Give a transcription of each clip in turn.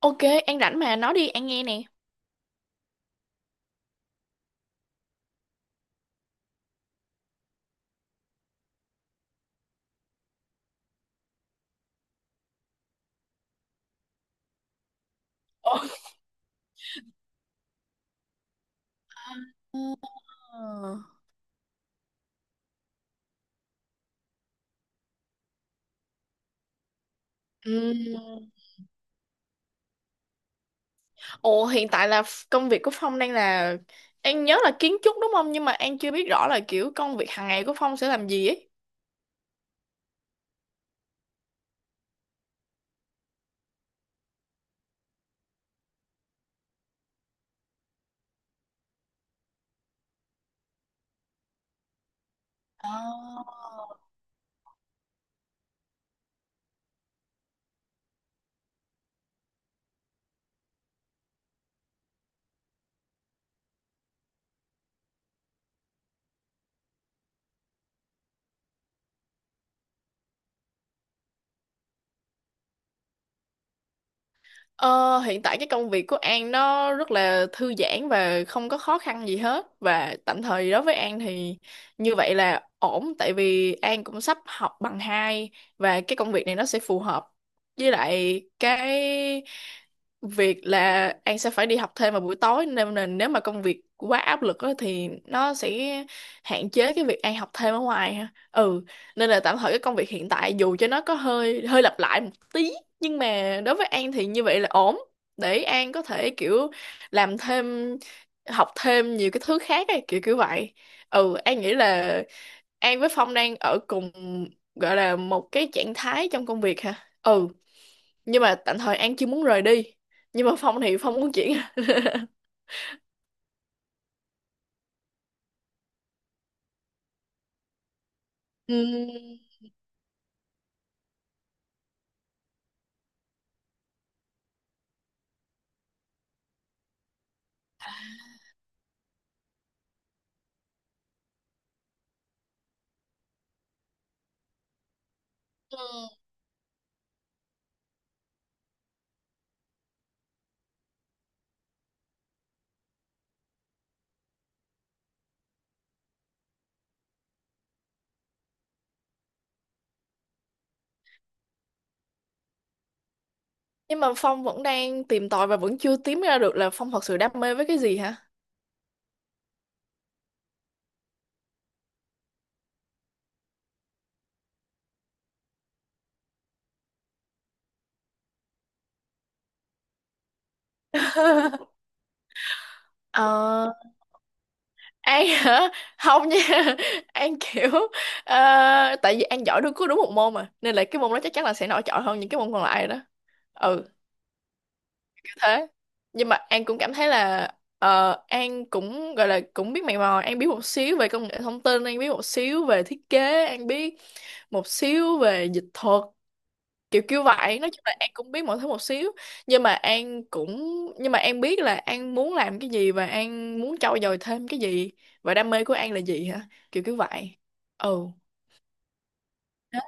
Ok, An rảnh mà, nói đi, An nghe nè. Ồ. Ờ. Ồ, hiện tại là công việc của Phong đang là... An nhớ là kiến trúc đúng không? Nhưng mà An chưa biết rõ là kiểu công việc hàng ngày của Phong sẽ làm gì ấy. À. Ờ, hiện tại cái công việc của An nó rất là thư giãn và không có khó khăn gì hết, và tạm thời đối với An thì như vậy là ổn, tại vì An cũng sắp học bằng hai và cái công việc này nó sẽ phù hợp với lại cái việc là An sẽ phải đi học thêm vào buổi tối, nên là nếu mà công việc quá áp lực á, thì nó sẽ hạn chế cái việc An học thêm ở ngoài ha. Ừ, nên là tạm thời cái công việc hiện tại dù cho nó có hơi hơi lặp lại một tí, nhưng mà đối với An thì như vậy là ổn để An có thể kiểu làm thêm, học thêm nhiều cái thứ khác ấy, kiểu kiểu vậy. Ừ, An nghĩ là An với Phong đang ở cùng gọi là một cái trạng thái trong công việc hả. Ừ, nhưng mà tạm thời An chưa muốn rời đi, nhưng mà Phong thì Phong muốn chuyển. Ừm. Ừ. Nhưng mà Phong vẫn đang tìm tòi và vẫn chưa tìm ra được là Phong thật sự đam mê với cái gì hả. Ờ. An hả? Không nha. An kiểu ờ, tại vì An giỏi đúng đúng một môn mà, nên là cái môn đó chắc chắn là sẽ nổi trội hơn những cái môn còn lại đó. Ừ, kiểu thế. Nhưng mà An cũng cảm thấy là ờ, An cũng gọi là cũng biết mày mò, An biết một xíu về công nghệ thông tin, An biết một xíu về thiết kế, An biết một xíu về dịch thuật, kiểu kiểu vậy. Nói chung là An cũng biết mọi thứ một xíu, nhưng mà An cũng nhưng mà An biết là An muốn làm cái gì và An muốn trau dồi thêm cái gì, và đam mê của An là gì hả, kiểu kiểu vậy. Ừ. Đó.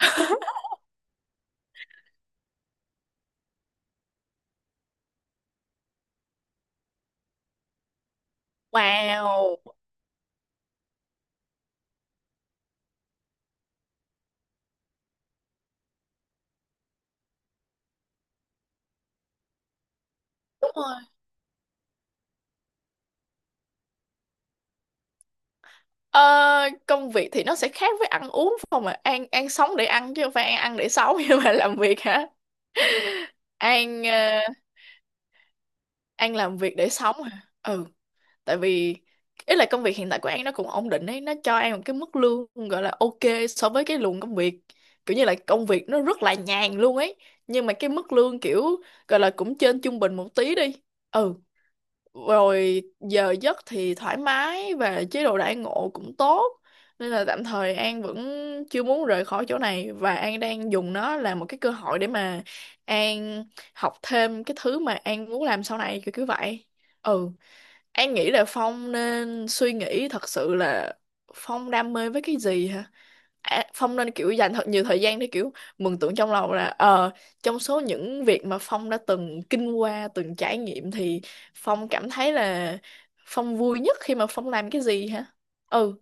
Wow. Đúng rồi. Ờ, công việc thì nó sẽ khác với ăn uống phải không, mà An sống để ăn chứ không phải An ăn để sống. Nhưng mà làm việc hả, An ờ, An làm việc để sống hả. Ừ, tại vì ý là công việc hiện tại của An nó cũng ổn định ấy, nó cho An một cái mức lương gọi là ok so với cái luồng công việc, kiểu như là công việc nó rất là nhàn luôn ấy, nhưng mà cái mức lương kiểu gọi là cũng trên trung bình một tí đi. Ừ, rồi giờ giấc thì thoải mái và chế độ đãi ngộ cũng tốt, nên là tạm thời An vẫn chưa muốn rời khỏi chỗ này, và An đang dùng nó là một cái cơ hội để mà An học thêm cái thứ mà An muốn làm sau này, kiểu như vậy. Ừ, An nghĩ là Phong nên suy nghĩ thật sự là Phong đam mê với cái gì hả? À, Phong nên kiểu dành thật nhiều thời gian để kiểu mường tượng trong lòng là ờ, trong số những việc mà Phong đã từng kinh qua, từng trải nghiệm thì Phong cảm thấy là Phong vui nhất khi mà Phong làm cái gì hả? Ừ.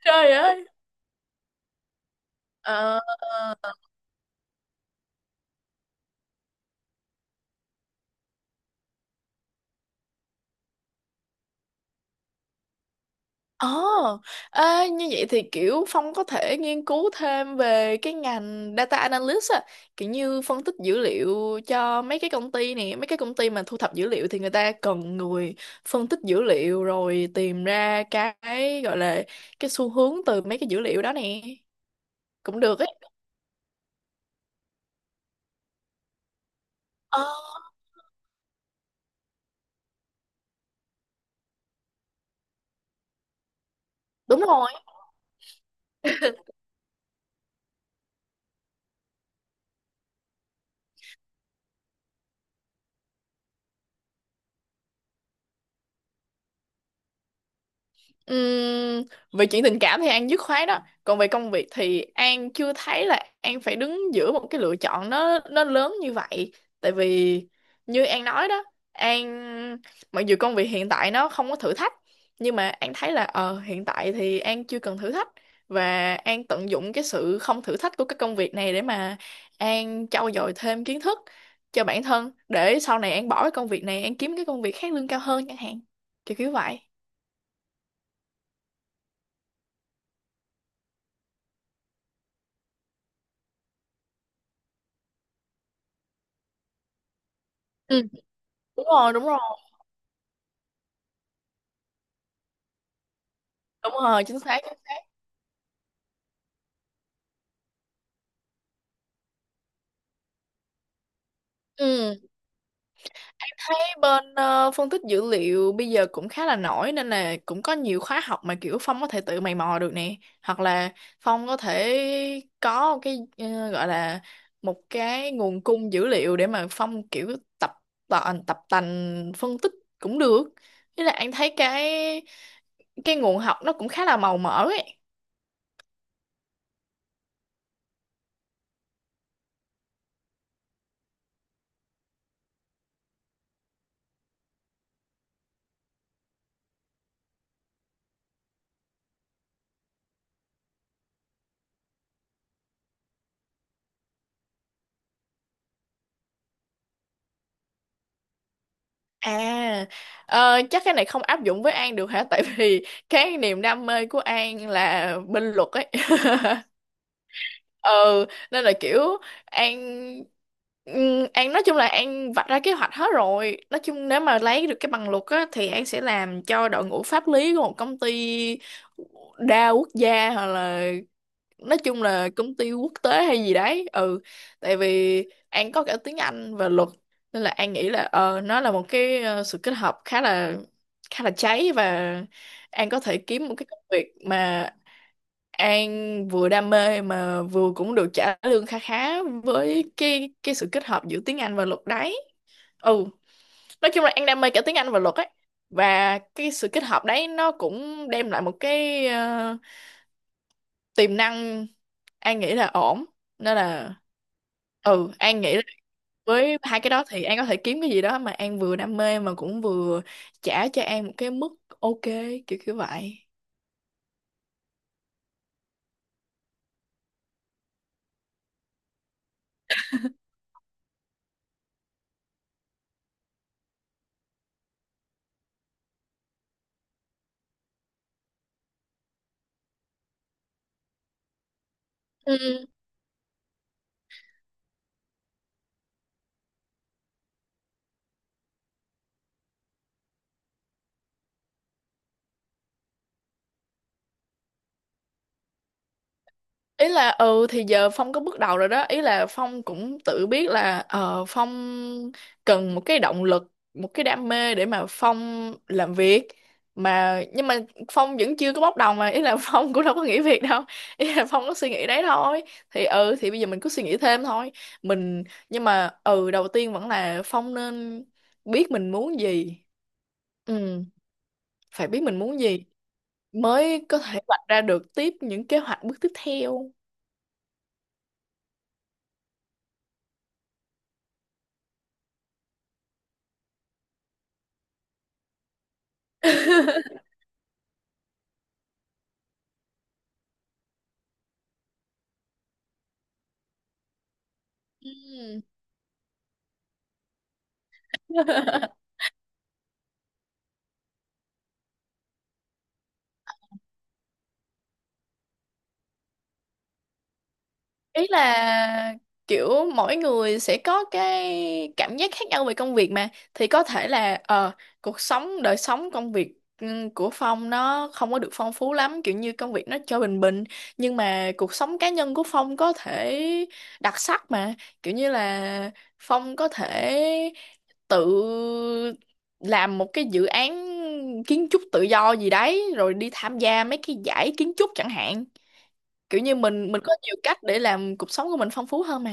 Trời ơi. Ờ. Ồ, ê, như vậy thì kiểu Phong có thể nghiên cứu thêm về cái ngành data analyst á, kiểu như phân tích dữ liệu cho mấy cái công ty này, mấy cái công ty mà thu thập dữ liệu thì người ta cần người phân tích dữ liệu rồi tìm ra cái gọi là cái xu hướng từ mấy cái dữ liệu đó nè, cũng được ấy. Ờ, đúng rồi. Ừm, về chuyện tình cảm thì An dứt khoát đó, còn về công việc thì An chưa thấy là An phải đứng giữa một cái lựa chọn nó lớn như vậy, tại vì như An nói đó, An mặc dù công việc hiện tại nó không có thử thách, nhưng mà An thấy là ờ hiện tại thì An chưa cần thử thách, và An tận dụng cái sự không thử thách của cái công việc này để mà An trau dồi thêm kiến thức cho bản thân, để sau này An bỏ cái công việc này An kiếm cái công việc khác lương cao hơn chẳng hạn, kiểu kiểu vậy. Ừ. Đúng rồi, đúng rồi. Đúng rồi, chính xác, chính xác. Ừ, thấy bên ờ, phân tích dữ liệu bây giờ cũng khá là nổi, nên là cũng có nhiều khóa học mà kiểu Phong có thể tự mày mò được nè. Hoặc là Phong có thể có cái ờ, gọi là một cái nguồn cung dữ liệu để mà Phong kiểu tập tành phân tích cũng được. Thế là anh thấy cái nguồn học nó cũng khá là màu mỡ ấy. À, ờ, chắc cái này không áp dụng với An được hả? Tại vì cái niềm đam mê của An là bên luật ấy. Ừ, nên là kiểu An An nói chung là An vạch ra kế hoạch hết rồi. Nói chung nếu mà lấy được cái bằng luật á thì An sẽ làm cho đội ngũ pháp lý của một công ty đa quốc gia hoặc là nói chung là công ty quốc tế hay gì đấy. Ừ, tại vì An có cả tiếng Anh và luật, nên là An nghĩ là ờ nó là một cái ờ, sự kết hợp khá là cháy, và An có thể kiếm một cái công việc mà An vừa đam mê mà vừa cũng được trả lương khá khá với cái sự kết hợp giữa tiếng Anh và luật đấy. Ừ, nói chung là An đam mê cả tiếng Anh và luật ấy, và cái sự kết hợp đấy nó cũng đem lại một cái ờ, tiềm năng. An nghĩ là ổn, nên là ừ An nghĩ là với hai cái đó thì An có thể kiếm cái gì đó mà An vừa đam mê mà cũng vừa trả cho An một cái mức ok, kiểu kiểu vậy. Ừ. Ý là ừ thì giờ Phong có bước đầu rồi đó, ý là Phong cũng tự biết là ờ, Phong cần một cái động lực, một cái đam mê để mà Phong làm việc mà, nhưng mà Phong vẫn chưa có bóc đầu mà, ý là Phong cũng đâu có nghỉ việc đâu, ý là Phong có suy nghĩ đấy thôi. Thì ừ thì bây giờ mình cứ suy nghĩ thêm thôi mình, nhưng mà ừ đầu tiên vẫn là Phong nên biết mình muốn gì. Ừ, phải biết mình muốn gì mới có thể vạch ra được tiếp những kế hoạch bước tiếp theo. Ừ. Ý là kiểu mỗi người sẽ có cái cảm giác khác nhau về công việc mà, thì có thể là ờ cuộc sống, đời sống công việc ừ, của Phong nó không có được phong phú lắm, kiểu như công việc nó cho bình bình, nhưng mà cuộc sống cá nhân của Phong có thể đặc sắc mà, kiểu như là Phong có thể tự làm một cái dự án kiến trúc tự do gì đấy rồi đi tham gia mấy cái giải kiến trúc chẳng hạn, kiểu như mình có nhiều cách để làm cuộc sống của mình phong phú hơn mà,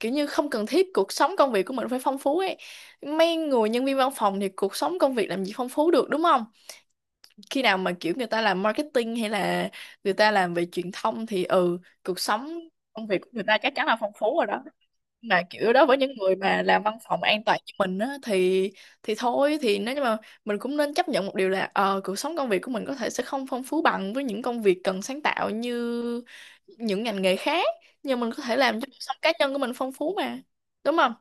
kiểu như không cần thiết cuộc sống công việc của mình phải phong phú ấy. Mấy người nhân viên văn phòng thì cuộc sống công việc làm gì phong phú được đúng không, khi nào mà kiểu người ta làm marketing hay là người ta làm về truyền thông thì ừ cuộc sống công việc của người ta chắc chắn là phong phú rồi đó, mà kiểu đó với những người mà làm văn phòng an toàn như mình á thì thôi, thì nếu như mà mình cũng nên chấp nhận một điều là ờ cuộc sống công việc của mình có thể sẽ không phong phú bằng với những công việc cần sáng tạo như những ngành nghề khác, nhưng mình có thể làm cho cuộc sống cá nhân của mình phong phú mà, đúng không.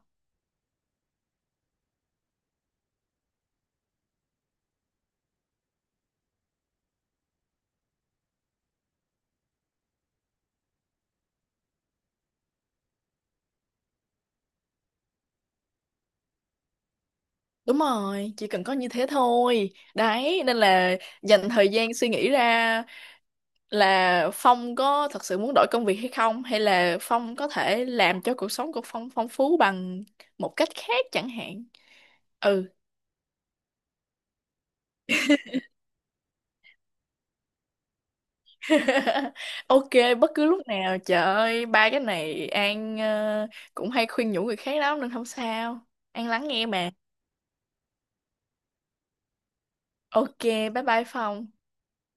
Đúng rồi, chỉ cần có như thế thôi đấy, nên là dành thời gian suy nghĩ ra là Phong có thật sự muốn đổi công việc hay không, hay là Phong có thể làm cho cuộc sống của Phong phong phú bằng một cách khác chẳng hạn. Ừ. Ok, bất cứ lúc nào, trời ơi ba cái này An ờ, cũng hay khuyên nhủ người khác lắm nên không sao, An lắng nghe mà. Ok, bye bye Phong.